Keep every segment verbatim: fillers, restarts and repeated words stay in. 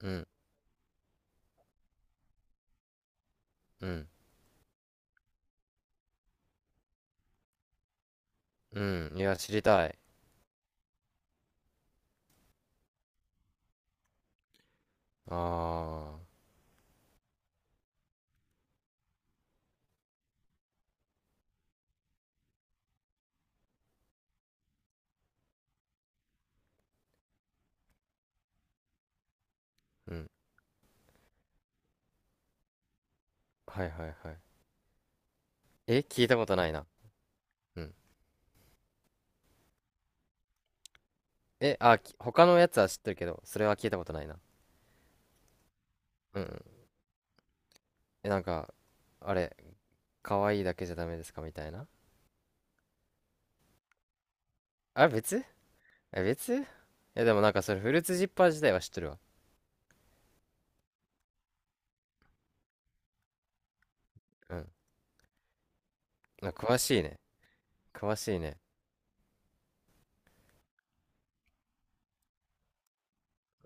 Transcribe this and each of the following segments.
うん、うん、うん。いや、知りたい。ああ、うん。はいはいはい。え、聞いたことないな。うん。え、あ、き他のやつは知ってるけど、それは聞いたことないな。うんうん。え、なんか、あれ、可愛いだけじゃダメですかみたいな。あ、別え、別え、でもなんかそれ、フルーツジッパー自体は知ってるわ。うん。あ、詳しいね。詳しいね。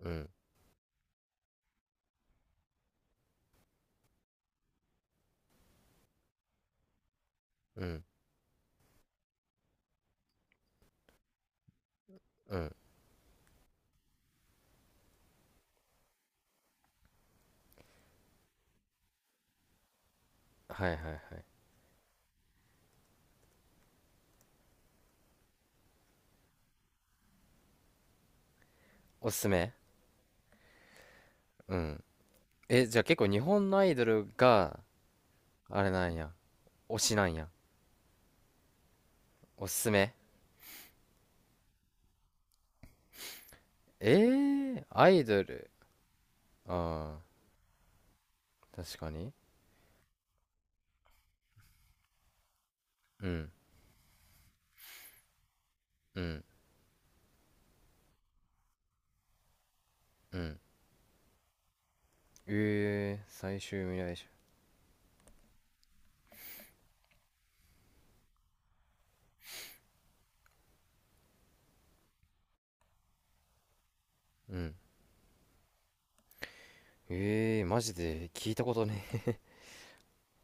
うん、うん、うん。はいはいはい。おすすめうん。え、じゃあ結構日本のアイドルが、あれなんや。推しなんや。おすすめえー、アイドル。ああ、確かに。うん、うん、うん。ええー、最終未来者。うん。ええー、マジで聞いたことねえ。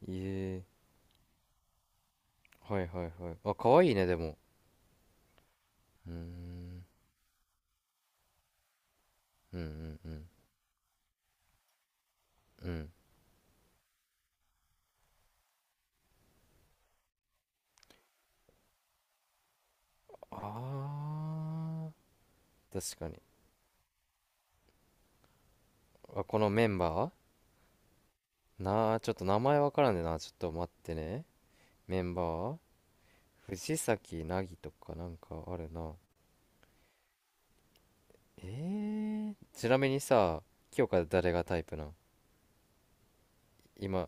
ええー、はいはいはい。あ、可愛いね、でも。うーん、うん、うん、うん、うん。ああ、確かに。あ、このメンバーなあ、ちょっと名前わからんでな。ちょっと待ってね。メンバー藤崎凪とかなんかあるな。えー、ちなみにさ、清香、誰がタイプなん？今、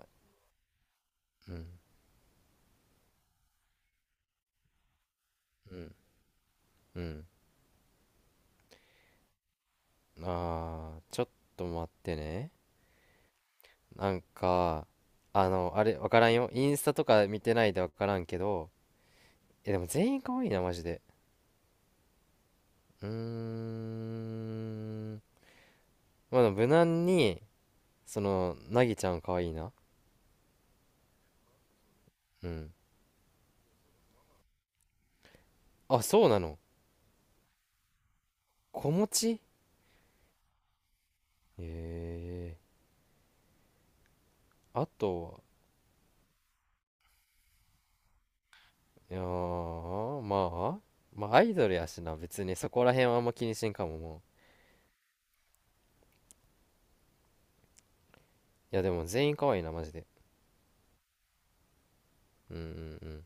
うん、うん、うん。あー、ちょっと待ってね。なんか、あの、あれ、わからんよ。インスタとか見てないでわからんけど、え、でも全員可愛いな、マジで。うーん。まあ、でも無難に、その、なぎちゃん可愛いな。うん。あ、そうなの。子持ち、えー。あとは、いやー、まあ、まあアイドルやしな、別にそこら辺はあんま気にしんかも、もう。いや、でも全員可愛いな、マジで。うんうんうん。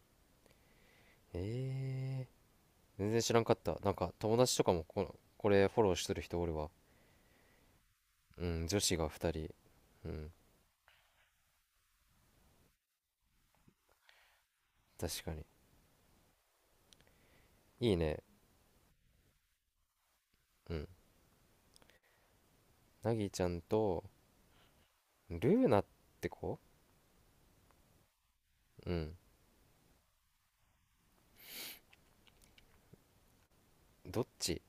えー、全然知らんかった。なんか、友達とかもこ、これフォローしてる人おるわ。うん、女子がふたり。うん、確かに。いいね。うん。なぎちゃんと、ルーナって子？うん。どっち？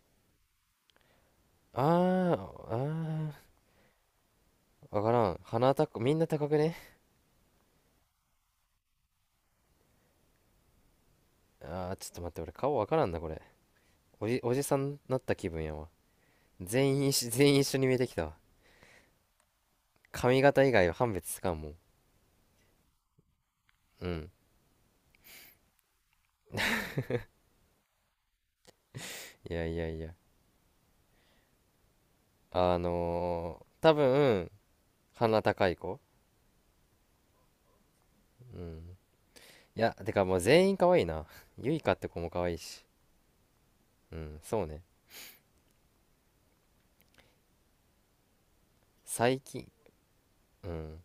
あー、あー、わからん。鼻高、みんな高くね？あー、ちょっと待って、俺顔わからんな、これ。おじ、おじさんになった気分やわ。全員一緒全員一緒に見えてきたわ。髪型以外は判別つかんもん。うん。いやいやいや。あのー、多分鼻高い子。うん。いやてかもう全員可愛いな。ゆいか って子も可愛いし。うん、そうね。最近。うん。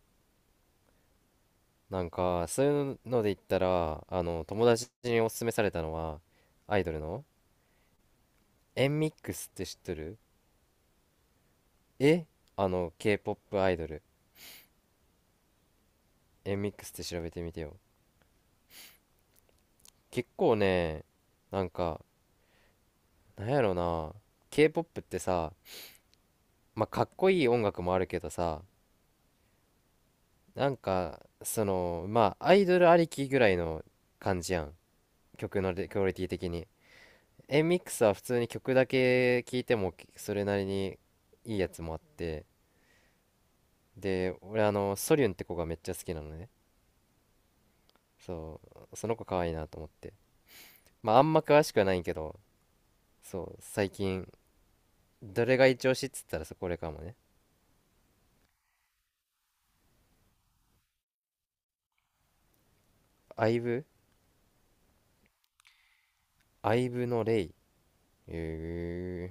なんかそういうので言ったら、あの友達におすすめされたのは、アイドルの、エンミックスって知ってる？え、あの K-ポップ アイドル。エンミックスって調べてみてよ。結構ね、なんか、なんやろな、 K-ポップ ってさ、まあ、かっこいい音楽もあるけどさ、なんかそのまあアイドルありきぐらいの感じやん。曲のレクオリティ的に、 Mx は普通に曲だけ聴いてもそれなりにいいやつもあって、で俺あのソリュンって子がめっちゃ好きなのね。そうその子可愛いなと思って、まああんま詳しくはないけど、そう、最近どれが一押しっつったらそこれかもね。アイブアイブのレイ？へ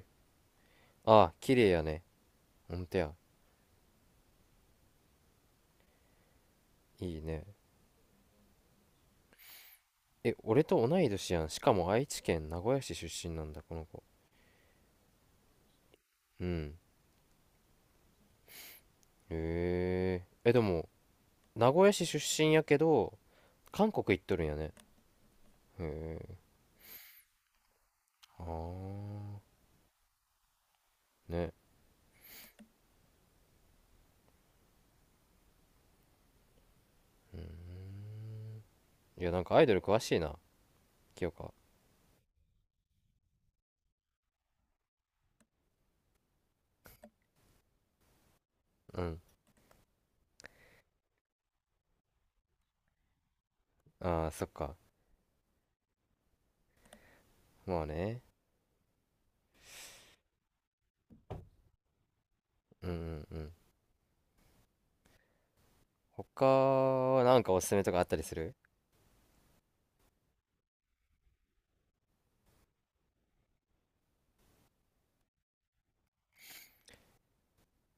えああ、綺麗やね。ほんとや。いいね。え、俺と同い年やん。しかも愛知県名古屋市出身なんだ、この子。うん。へえ。え、でも、名古屋市出身やけど、韓国行っとるんやね。へえ。ああ。ね。いや、なんかアイドル詳しいな、清香。うん。ああ、そっか。まあね。うんうんうん。他はなんかおすすめとかあったりする？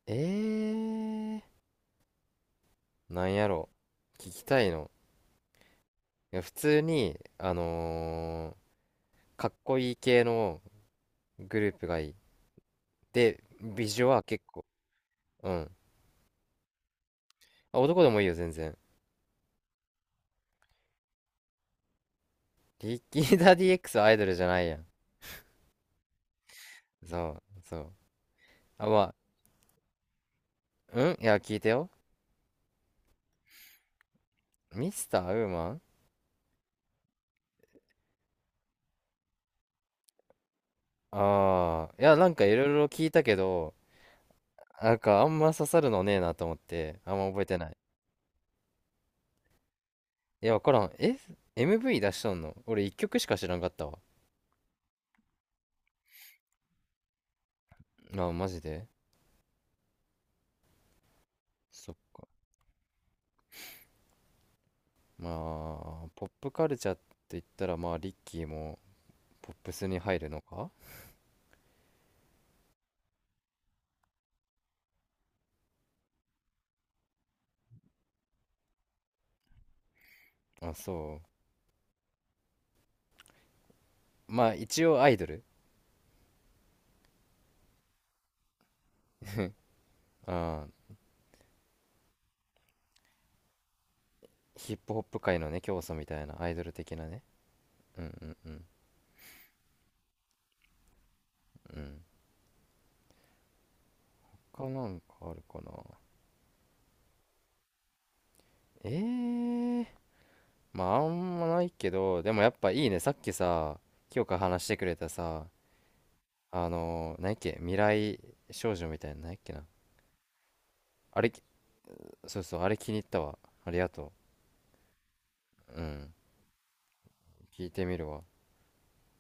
えー、なんやろ。聞きたいの？いや、普通に、あのーかっこいい系のグループがいい。で、ビジュは結構、うん。あ、男でもいいよ、全然。リキーダ ディーエックス はアイドルじゃないやん。そう、そう。あ、まあ、うん、いや、聞いてよ。ミスターウーマン。ああー、いや、なんかいろいろ聞いたけど、なんかあんま刺さるのねえなと思って、あんま覚えてない。いや、わからん。え ?エムブイ 出しとんの俺いっきょくしか知らんかったわ。まあ、マジでそっか。まあ、ポップカルチャーって言ったら、まあ、リッキーもポップスに入るのか。あ、そう。まあ一応アイドル。あー、ヒップホップ界のね、教祖みたいなアイドル的なね。うんうんうん。うん。他なんかあるかな。ええ、まああんまないけど、でもやっぱいいね。さっきさ、今日から話してくれたさ、あのー、何やっけ、未来少女みたいな、何やっけな。あれ、そうそう、あれ気に入ったわ。ありがとう。うん。聞いてみるわ。